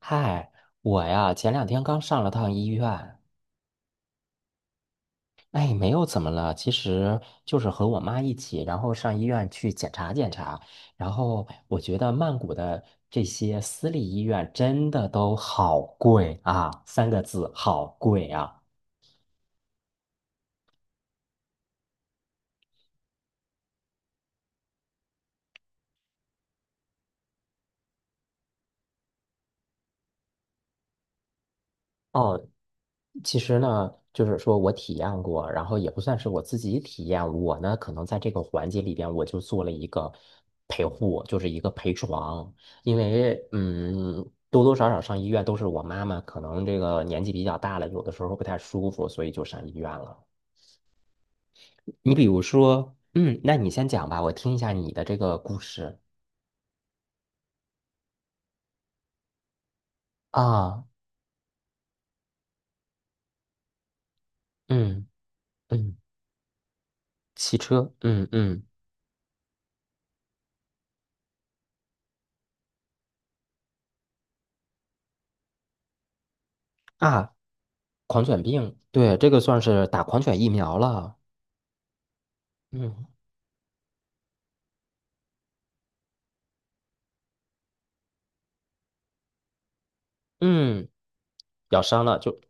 嗨，我呀，前两天刚上了趟医院，哎，没有怎么了，其实就是和我妈一起，然后上医院去检查检查，然后我觉得曼谷的这些私立医院真的都好贵啊，三个字，好贵啊。哦，其实呢，就是说我体验过，然后也不算是我自己体验，我呢可能在这个环节里边，我就做了一个陪护，就是一个陪床，因为多多少少上医院都是我妈妈，可能这个年纪比较大了，有的时候不太舒服，所以就上医院了。你比如说，那你先讲吧，我听一下你的这个故事啊，嗯嗯，骑车，嗯嗯啊，狂犬病，对，这个算是打狂犬疫苗了。嗯嗯，咬伤了就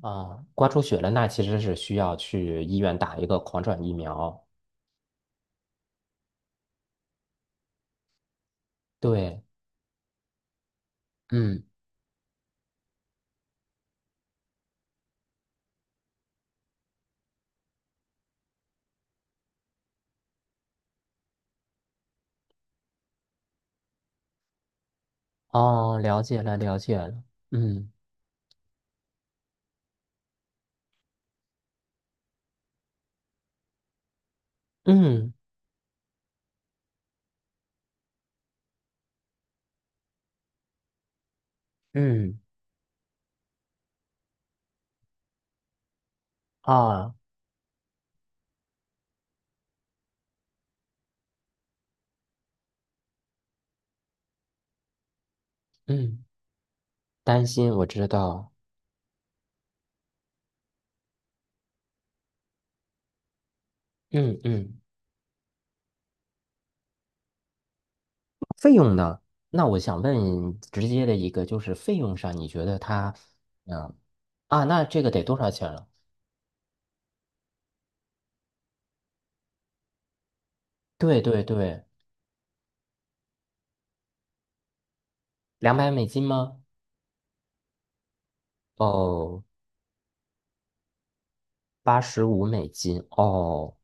啊，刮出血了，那其实是需要去医院打一个狂犬疫苗。对，嗯，哦，了解了，了解了，嗯嗯嗯啊，嗯，担心我知道，嗯嗯，费用呢？那我想问直接的一个，就是费用上，你觉得它，嗯啊，那这个得多少钱了？对对对，$200吗？哦，$85，哦，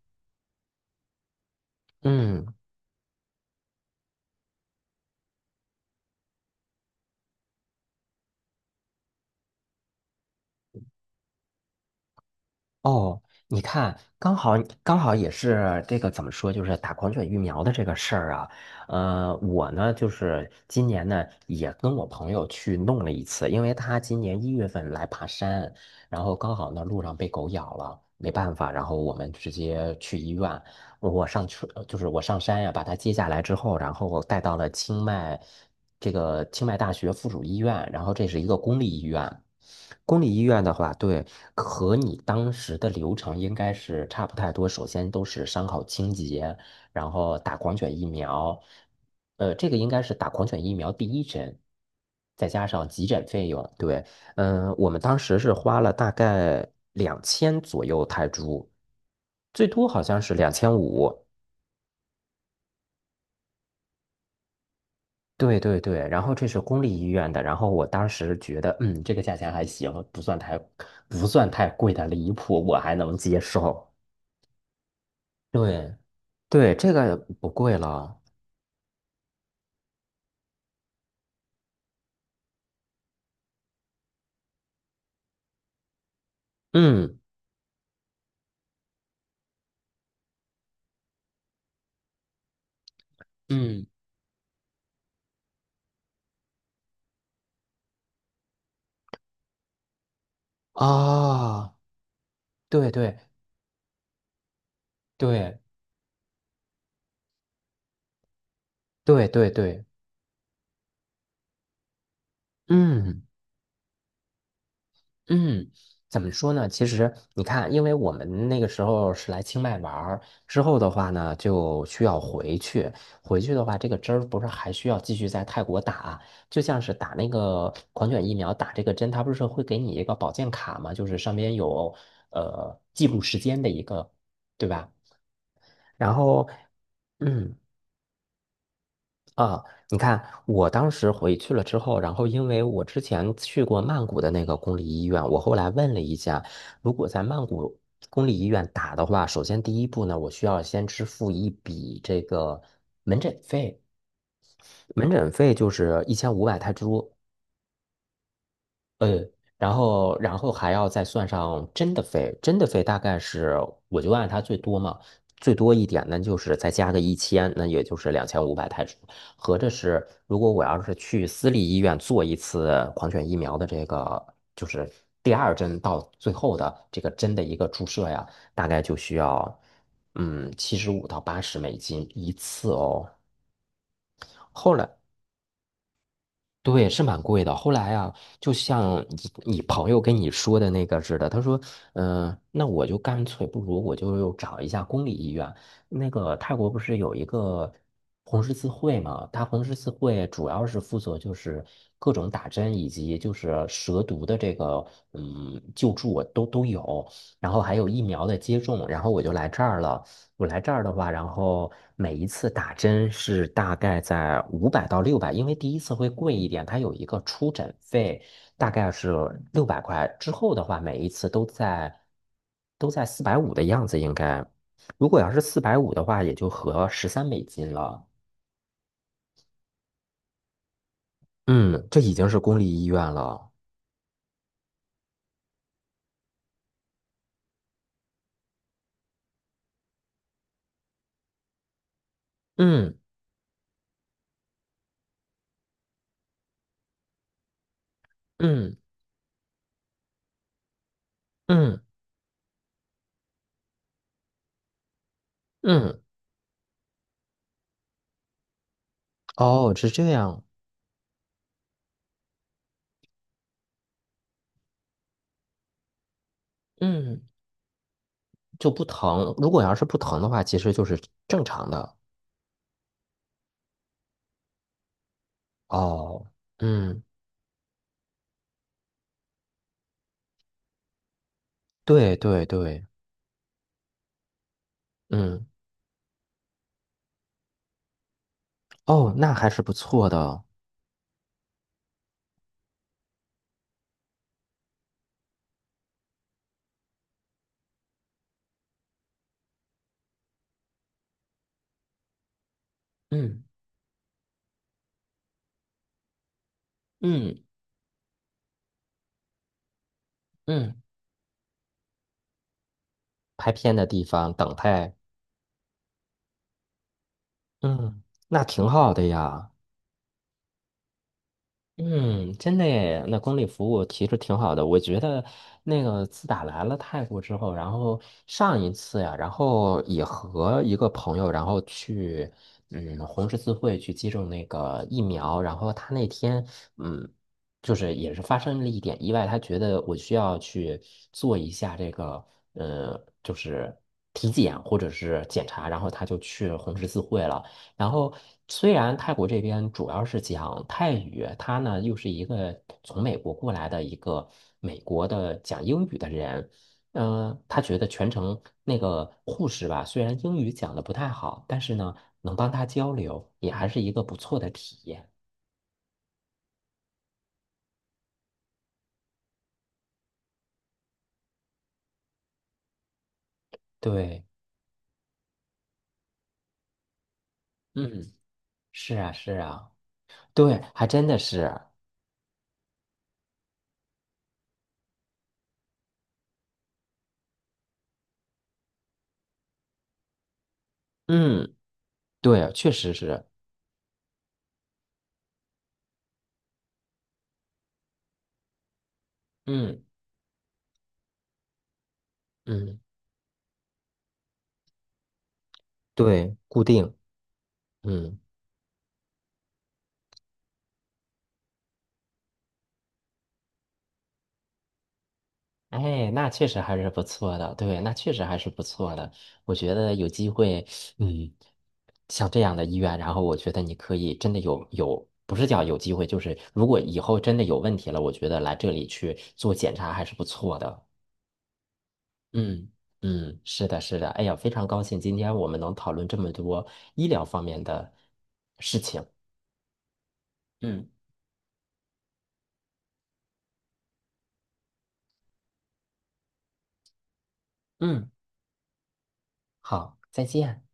嗯。哦，你看，刚好刚好也是这个怎么说，就是打狂犬疫苗的这个事儿啊。我呢，就是今年呢也跟我朋友去弄了一次，因为他今年1月份来爬山，然后刚好呢路上被狗咬了，没办法，然后我们直接去医院。我上车，就是我上山呀、把他接下来之后，然后带到了清迈这个清迈大学附属医院，然后这是一个公立医院。公立医院的话，对，和你当时的流程应该是差不太多。首先都是伤口清洁，然后打狂犬疫苗，这个应该是打狂犬疫苗第一针，再加上急诊费用，对。我们当时是花了大概两千左右泰铢，最多好像是两千五。对对对，然后这是公立医院的，然后我当时觉得，这个价钱还行，不算太贵的离谱，我还能接受。对对，这个不贵了。嗯嗯啊，对对对对对对，嗯。嗯，怎么说呢？其实你看，因为我们那个时候是来清迈玩儿，之后的话呢，就需要回去。回去的话，这个针儿不是还需要继续在泰国打，就像是打那个狂犬疫苗，打这个针，它不是会给你一个保健卡嘛，就是上面有记录时间的一个，对吧？然后，嗯。啊，你看，我当时回去了之后，然后因为我之前去过曼谷的那个公立医院，我后来问了一下，如果在曼谷公立医院打的话，首先第一步呢，我需要先支付一笔这个门诊费，门诊费就是1500泰铢，呃，然后还要再算上真的费大概是我就按它最多嘛，最多一点呢就是再加个一千，那也就是2500泰铢，合着是如果我要是去私立医院做一次狂犬疫苗的这个就是第二针到最后的这个针的一个注射呀，大概就需要75到80美金一次哦。后来。对，是蛮贵的。后来啊，就像你你朋友跟你说的那个似的，他说，那我就干脆不如我就找一下公立医院。那个泰国不是有一个红十字会嘛？它红十字会主要是负责就是各种打针以及就是蛇毒的这个救助都有，然后还有疫苗的接种。然后我就来这儿了。我来这儿的话，然后每一次打针是大概在500到600，因为第一次会贵一点，它有一个出诊费，大概是600块。之后的话，每一次都在四百五的样子，应该。如果要是四百五的话，也就合$13了。嗯，这已经是公立医院了。嗯嗯嗯嗯，哦，是这样。嗯，就不疼。如果要是不疼的话，其实就是正常的。哦。嗯。对对对，嗯，哦，那还是不错的，嗯嗯嗯，拍片的地方等待，嗯，那挺好的呀。嗯，真的耶，那公立服务其实挺好的。我觉得那个自打来了泰国之后，然后上一次呀，然后也和一个朋友，然后去红十字会去接种那个疫苗，然后他那天嗯就是也是发生了一点意外，他觉得我需要去做一下这个就是体检或者是检查，然后他就去红十字会了。然后，虽然泰国这边主要是讲泰语，他呢又是一个从美国过来的一个美国的讲英语的人，他觉得全程那个护士吧，虽然英语讲的不太好，但是呢能帮他交流，也还是一个不错的体验。对，嗯，是啊，是啊，对，还真的是，嗯，对，确实是，嗯嗯，对，固定，嗯。哎，那确实还是不错的，对，那确实还是不错的。我觉得有机会，嗯，像这样的医院，然后我觉得你可以真的有，不是叫有机会，就是如果以后真的有问题了，我觉得来这里去做检查还是不错的。嗯嗯，是的，是的。哎呀，非常高兴今天我们能讨论这么多医疗方面的事情。嗯嗯，好，再见。